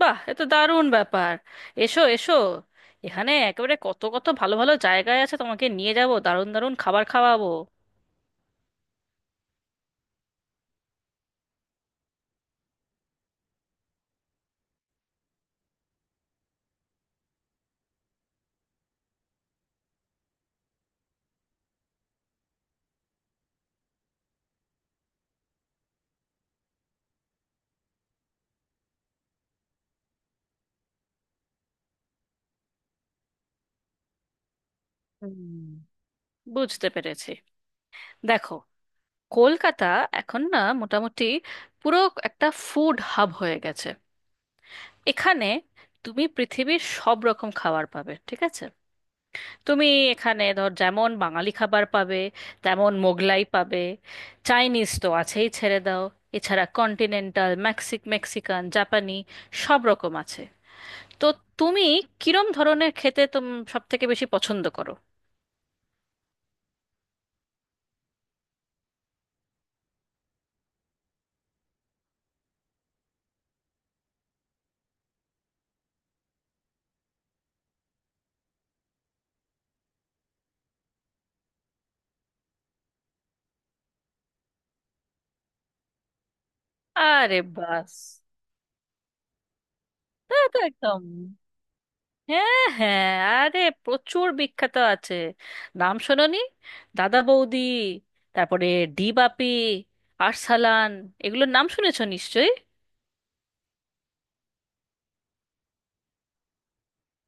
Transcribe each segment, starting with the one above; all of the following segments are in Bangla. বাহ, এ তো দারুণ ব্যাপার! এসো, এসো। এখানে একেবারে কত কত ভালো ভালো জায়গায় আছে, তোমাকে নিয়ে যাব, দারুণ দারুণ খাবার খাওয়াবো। হুম। বুঝতে পেরেছি। দেখো, কলকাতা এখন না মোটামুটি পুরো একটা ফুড হাব হয়ে গেছে এখানে। তুমি পৃথিবীর সব রকম খাবার পাবে, ঠিক আছে? তুমি এখানে ধর, যেমন বাঙালি খাবার পাবে, তেমন মোগলাই পাবে, চাইনিজ তো আছেই, ছেড়ে দাও। এছাড়া কন্টিনেন্টাল, মেক্সিকান, জাপানি, সব রকম আছে। তো তুমি কিরম ধরনের খেতে তুমি সব থেকে বেশি পছন্দ করো? আরে বাস! তা তো একদম। হ্যাঁ, হ্যাঁ, আরে প্রচুর বিখ্যাত আছে। নাম শোনোনি? দাদা বৌদি, তারপরে ডি বাপি, আরসালান এগুলোর নাম শুনেছো নিশ্চয়ই।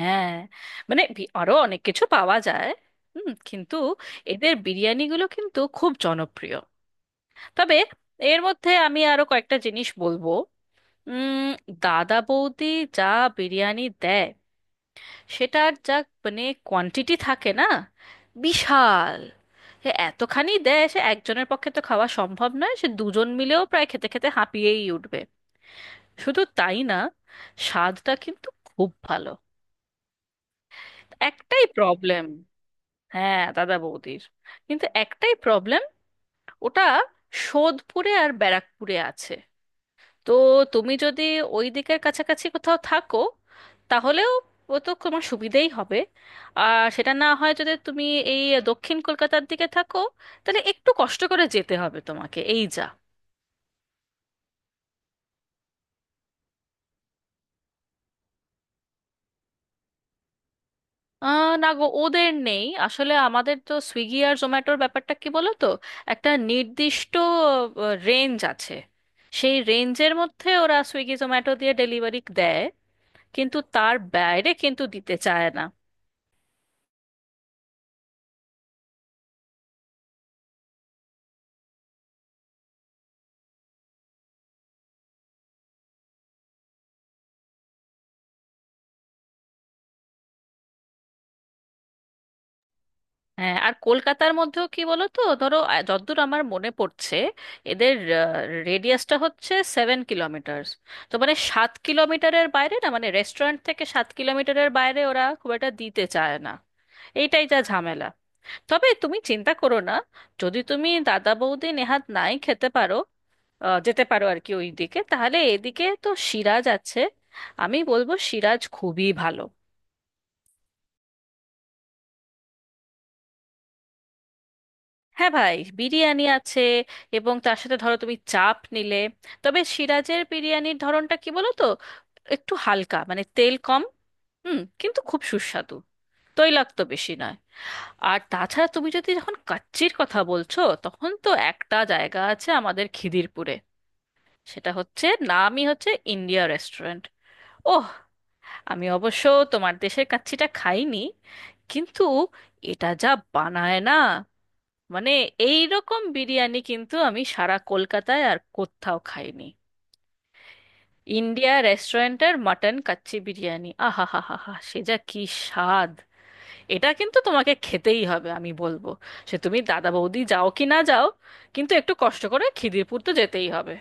হ্যাঁ, মানে আরো অনেক কিছু পাওয়া যায়। হুম, কিন্তু এদের বিরিয়ানিগুলো কিন্তু খুব জনপ্রিয়। তবে এর মধ্যে আমি আরো কয়েকটা জিনিস বলবো। উম দাদা বৌদি যা বিরিয়ানি দেয়, সেটার যা মানে কোয়ান্টিটি থাকে না, বিশাল! সে এতখানি দেয়, সে একজনের পক্ষে তো খাওয়া সম্ভব নয়, সে দুজন মিলেও প্রায় খেতে খেতে হাঁপিয়েই উঠবে। শুধু তাই না, স্বাদটা কিন্তু খুব ভালো। একটাই প্রবলেম, হ্যাঁ দাদা বৌদির, কিন্তু একটাই প্রবলেম, ওটা সোদপুরে আর ব্যারাকপুরে আছে। তো তুমি যদি ওই দিকের কাছাকাছি কোথাও থাকো, তাহলেও ও তো তোমার সুবিধেই হবে। আর সেটা না হয়, যদি তুমি এই দক্ষিণ কলকাতার দিকে থাকো, তাহলে একটু কষ্ট করে যেতে হবে তোমাকে, এই যা। আহ না গো, ওদের নেই আসলে। আমাদের তো সুইগি আর জোম্যাটোর ব্যাপারটা কি বলো তো, একটা নির্দিষ্ট রেঞ্জ আছে, সেই রেঞ্জের মধ্যে ওরা সুইগি জোম্যাটো দিয়ে ডেলিভারি দেয়, কিন্তু তার বাইরে কিন্তু দিতে চায় না। হ্যাঁ, আর কলকাতার মধ্যেও কি বলো তো, ধরো, যতদূর আমার মনে পড়ছে, এদের রেডিয়াসটা হচ্ছে 7 কিলোমিটার। তো মানে 7 কিলোমিটারের বাইরে, না মানে রেস্টুরেন্ট থেকে 7 কিলোমিটারের বাইরে ওরা খুব একটা দিতে চায় না। এইটাই যা ঝামেলা। তবে তুমি চিন্তা করো না, যদি তুমি দাদা বৌদি নেহাত নাই খেতে পারো, যেতে পারো আর কি ওই দিকে, তাহলে এদিকে তো সিরাজ আছে। আমি বলবো সিরাজ খুবই ভালো। হ্যাঁ ভাই, বিরিয়ানি আছে, এবং তার সাথে ধরো তুমি চাপ নিলে। তবে সিরাজের বিরিয়ানির ধরনটা কি বলো তো, একটু হালকা, মানে তেল কম, হুম, কিন্তু খুব সুস্বাদু, তৈলাক্ত বেশি নয়। আর তাছাড়া তুমি যদি, যখন কাচ্চির কথা বলছো, তখন তো একটা জায়গা আছে আমাদের খিদিরপুরে, সেটা হচ্ছে, নামই হচ্ছে ইন্ডিয়া রেস্টুরেন্ট। ওহ, আমি অবশ্য তোমার দেশের কাচ্চিটা খাইনি, কিন্তু এটা যা বানায় না, মানে এই রকম বিরিয়ানি কিন্তু আমি সারা কলকাতায় আর কোথাও খাইনি। ইন্ডিয়া রেস্টুরেন্টের মাটন কাচ্চি বিরিয়ানি, আহা হা হা হা, সে যা কি স্বাদ! এটা কিন্তু তোমাকে খেতেই হবে, আমি বলবো। সে তুমি দাদা বৌদি যাও কি না যাও, কিন্তু একটু কষ্ট করে খিদিরপুর তো যেতেই হবে।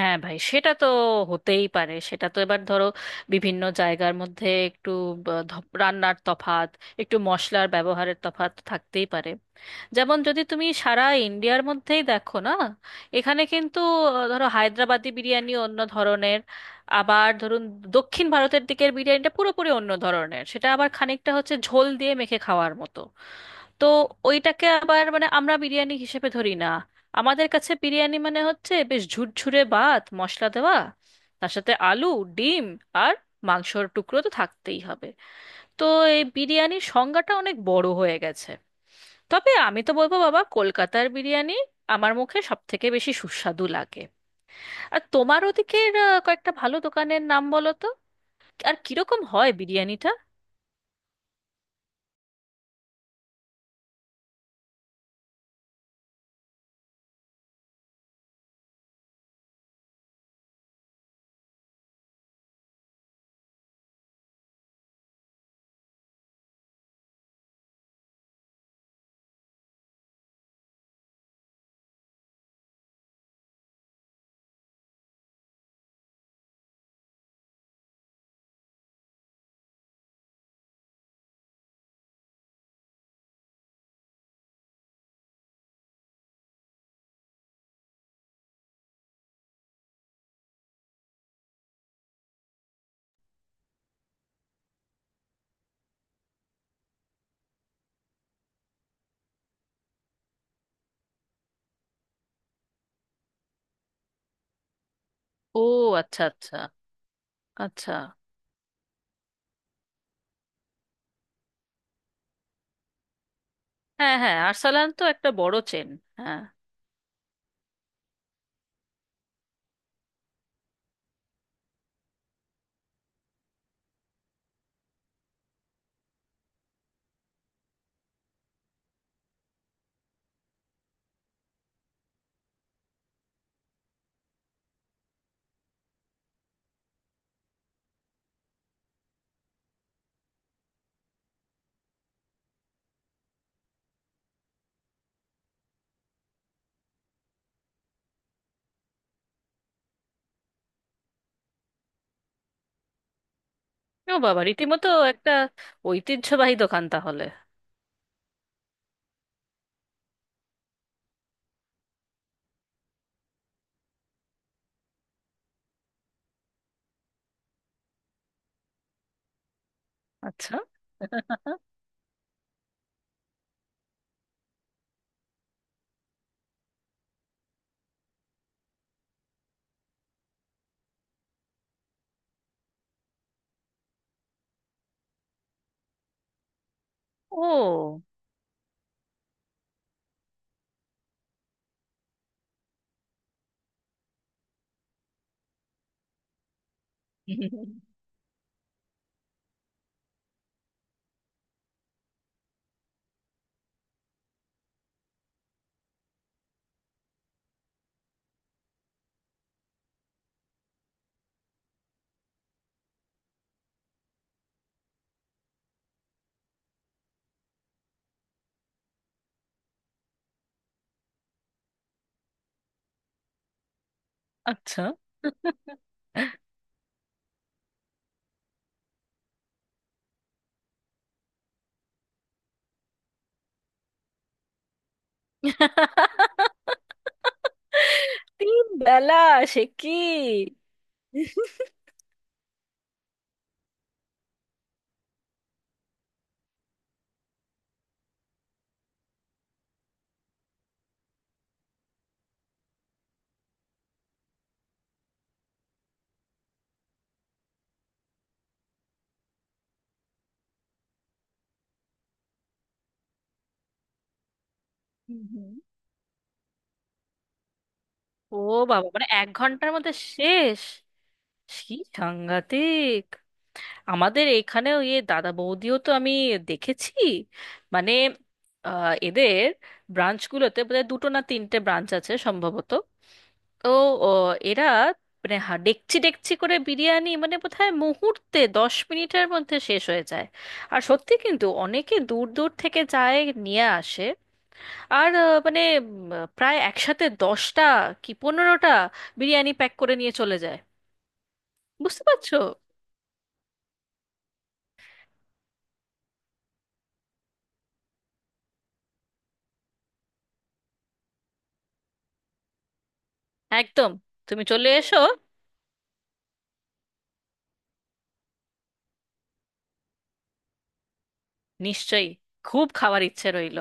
হ্যাঁ ভাই, সেটা তো হতেই পারে, সেটা তো, এবার ধরো, বিভিন্ন জায়গার মধ্যে একটু ব- ধ- রান্নার তফাৎ, একটু মশলার ব্যবহারের তফাৎ থাকতেই পারে। যেমন যদি তুমি সারা ইন্ডিয়ার মধ্যেই দেখো না, এখানে কিন্তু ধরো হায়দ্রাবাদি বিরিয়ানি অন্য ধরনের। আবার ধরুন দক্ষিণ ভারতের দিকের বিরিয়ানিটা পুরোপুরি অন্য ধরনের, সেটা আবার খানিকটা হচ্ছে ঝোল দিয়ে মেখে খাওয়ার মতো। তো ওইটাকে আবার মানে আমরা বিরিয়ানি হিসেবে ধরি না। আমাদের কাছে বিরিয়ানি মানে হচ্ছে বেশ ঝুরঝুরে ভাত মশলা দেওয়া, তার সাথে আলু, ডিম, আর মাংসর টুকরো তো থাকতেই হবে। তো এই বিরিয়ানির সংজ্ঞাটা অনেক বড় হয়ে গেছে। তবে আমি তো বলবো বাবা, কলকাতার বিরিয়ানি আমার মুখে সব থেকে বেশি সুস্বাদু লাগে। আর তোমার ওদিকের কয়েকটা ভালো দোকানের নাম বলো তো, আর কিরকম হয় বিরিয়ানিটা? ও, আচ্ছা, আচ্ছা। আচ্ছা। হ্যাঁ, হ্যাঁ, আরসালান তো একটা বড় চেন। হ্যাঁ। ও বাবা, রীতিমতো একটা ঐতিহ্যবাহী দোকান তাহলে। আচ্ছা। ও, আচ্ছা। তিন বেলা? সে কি! হুম হুম। ও বাবা, মানে এক ঘন্টার মধ্যে শেষ? কি সাংঘাতিক! আমাদের এখানেও ইয়ে দাদা বৌদিও তো আমি দেখেছি। মানে এদের ব্রাঞ্চগুলোতে বোধহয় দুটো না তিনটে ব্রাঞ্চ আছে সম্ভবত। তো, ও, এরা মানে ডেকচি ডেকচি করে বিরিয়ানি, মানে বোধহয় মুহূর্তে 10 মিনিটের মধ্যে শেষ হয়ে যায়। আর সত্যি কিন্তু অনেকে দূর দূর থেকে যায়, নিয়ে আসে। আর মানে প্রায় একসাথে 10টা কি 15টা বিরিয়ানি প্যাক করে নিয়ে চলে যায়, বুঝতে পারছো? একদম! তুমি চলে এসো। নিশ্চয়ই, খুব খাওয়ার ইচ্ছে রইল।